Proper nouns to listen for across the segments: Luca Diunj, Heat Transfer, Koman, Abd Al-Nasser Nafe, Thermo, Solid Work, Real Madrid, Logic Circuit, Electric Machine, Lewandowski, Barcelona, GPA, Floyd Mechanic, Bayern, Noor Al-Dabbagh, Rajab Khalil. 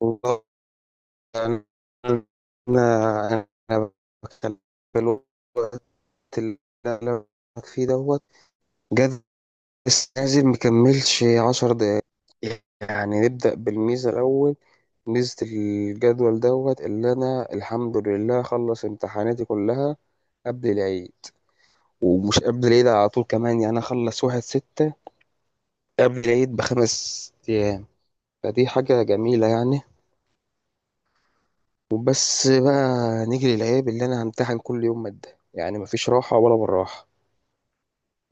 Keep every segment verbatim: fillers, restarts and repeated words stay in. والله. يعني أنا أنا باتكلم في الوقت اللي أنا بكلمك فيه دوت جد، لسه نازل مكملش عشر دقايق. يعني نبدأ بالميزة الأول، ميزة الجدول دوت، اللي أنا الحمد لله أخلص امتحاناتي كلها قبل العيد. ومش قبل العيد على طول كمان، يعني أخلص واحد ستة، قبل العيد بخمس أيام. فدي حاجة جميلة يعني. وبس بقى، نيجي للعيب اللي انا همتحن كل يوم مادة، يعني مفيش راحة ولا بالراحة.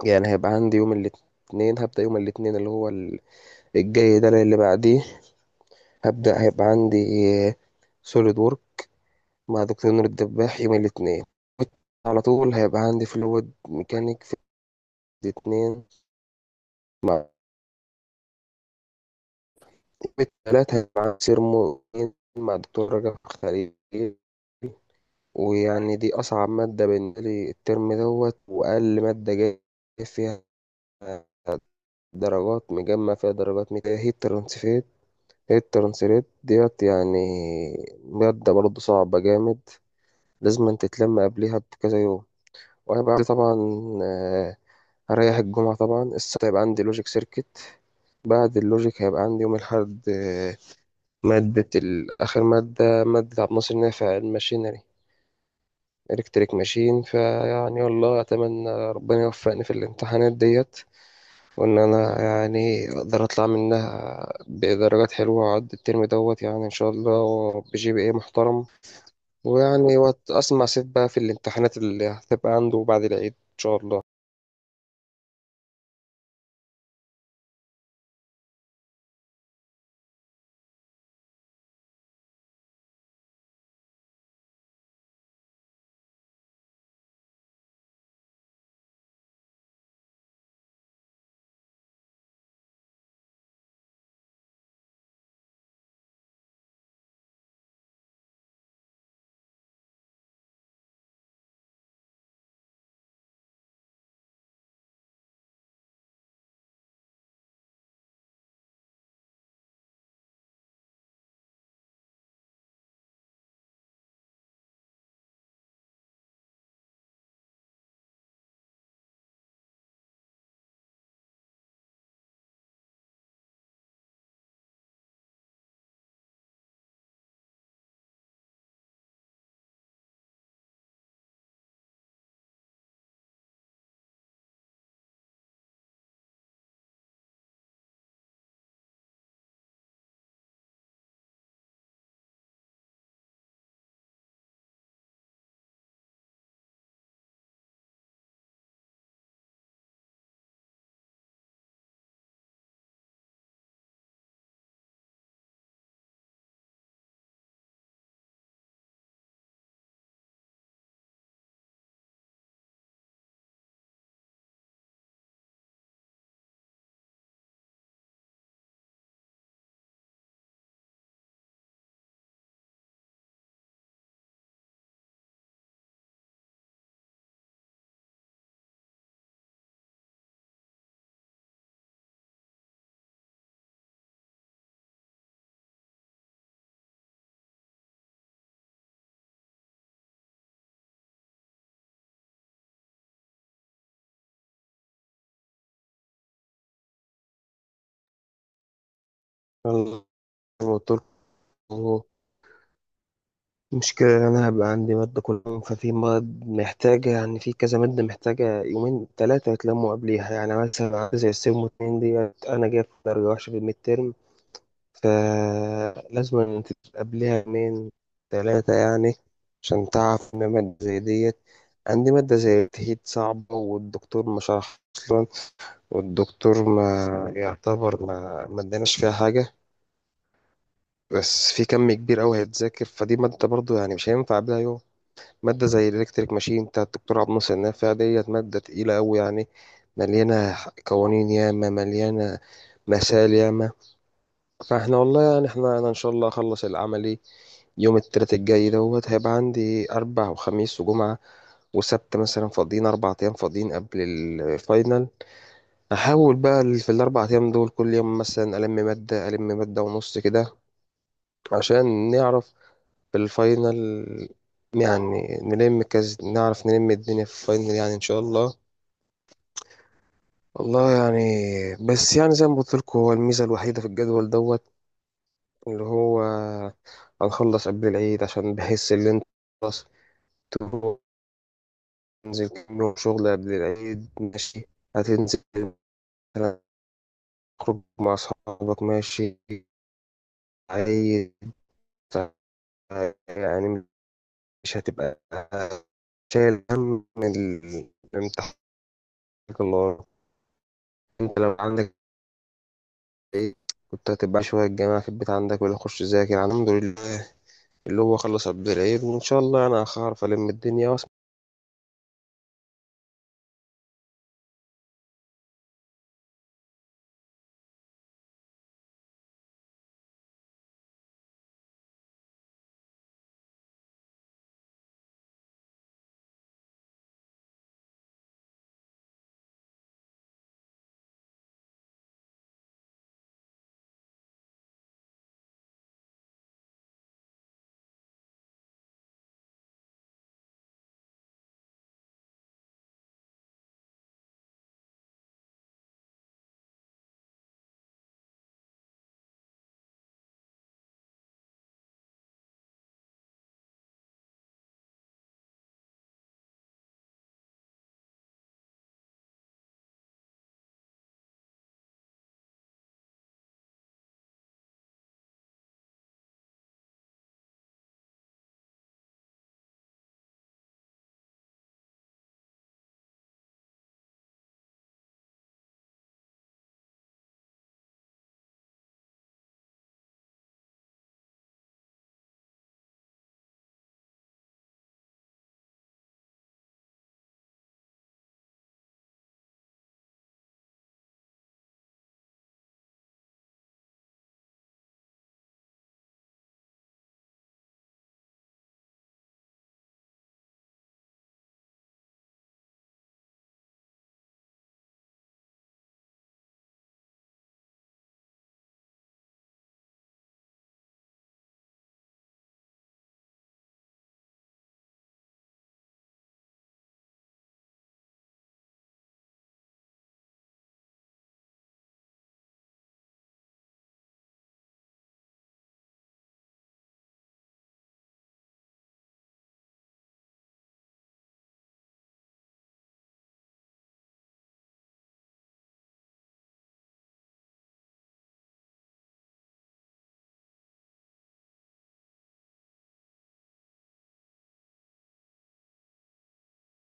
يعني هيبقى عندي يوم الاثنين، هبدأ يوم الاثنين اللي هو ال- الجاي ده اللي بعديه، هبدأ هيبقى عندي سوليد وورك مع دكتور نور الدباح يوم الاثنين. على طول هيبقى عندي فلويد ميكانيك في الاثنين. يوم الثلاث هيبقى عندي سيرمو مع دكتور رجب خليل. ويعني دي أصعب مادة بالنسبة لي الترم دوت، وأقل مادة جاي فيها درجات، مجمع فيها درجات ميتا هيت ترانسفيت هيت ترانسليت ديت. يعني مادة برضه صعبة جامد، لازم انت تتلم قبليها بكذا يوم. وانا بعد طبعا آه، هريح الجمعة. طبعا السبت هيبقى عندي لوجيك سيركت. بعد اللوجيك هيبقى عندي يوم الأحد آه، مادة ال- آخر مادة مادة عبد الناصر نافع، الماشينري إلكتريك ماشين. فيعني والله أتمنى ربنا يوفقني في الامتحانات ديت، وإن أنا يعني أقدر أطلع منها بدرجات حلوة وأعدي الترم دوت، يعني إن شاء الله بجي بي إيه محترم. ويعني وقت أسمع سيف بقى في الامتحانات اللي هتبقى عنده بعد العيد إن شاء الله. أنا زي ما قلت لكم، المشكلة إن أنا هبقى عندي مادة كل يوم، ففي مواد محتاجة، يعني في كذا مادة محتاجة يومين تلاتة يتلموا قبليها. يعني مثلا عندي زي السيم واتنين ديت، أنا جايب درجة وحشة في الميد ترم، فلازم إن أنت قبلها يومين ثلاثة يعني، عشان تعرف إن مادة زي ديت. عندي مادة زي التهيد صعبة، والدكتور ما شرح أصلا، والدكتور ما يعتبر ما ما اداناش فيها حاجة، بس في كم كبير أوي هيتذاكر. فدي مادة برضو يعني مش هينفع قبلها يوم. مادة زي الإلكتريك ماشين بتاع الدكتور عبد الناصر النافع ديت، مادة تقيلة أوي يعني، مليانة قوانين ياما، مليانة مسائل ياما. فاحنا والله يعني، احنا انا ان شاء الله اخلص العملي يوم التلات الجاي دوت، هيبقى عندي أربع وخميس وجمعة وسبت مثلا فاضيين، أربع أيام فاضيين قبل الفاينل. أحاول بقى ال- في الأربع أيام دول كل يوم مثلا ألم مادة، ألم مادة ونص كده، عشان نعرف في الفاينل، يعني نلم كز، نعرف نلم الدنيا في الفاينل يعني إن شاء الله. والله يعني، بس يعني زي ما قلت لكم، هو الميزة الوحيدة في الجدول دوت اللي هو هنخلص قبل العيد، عشان بحس إن أنت خلاص تنزل كام شغل قبل العيد ماشي، هتنزل مثلا تخرج مع أصحابك ماشي، عيد يعني. مش هتبقى شايل هم ال- الامتحان اللي وراك. انت لو عندك عيد، كنت هتبقى شوية الجامعة في البيت عندك، ولا أخش أذاكر الحمد لله اللي هو خلص قبل العيد، وإن شاء الله أنا هعرف ألم الدنيا.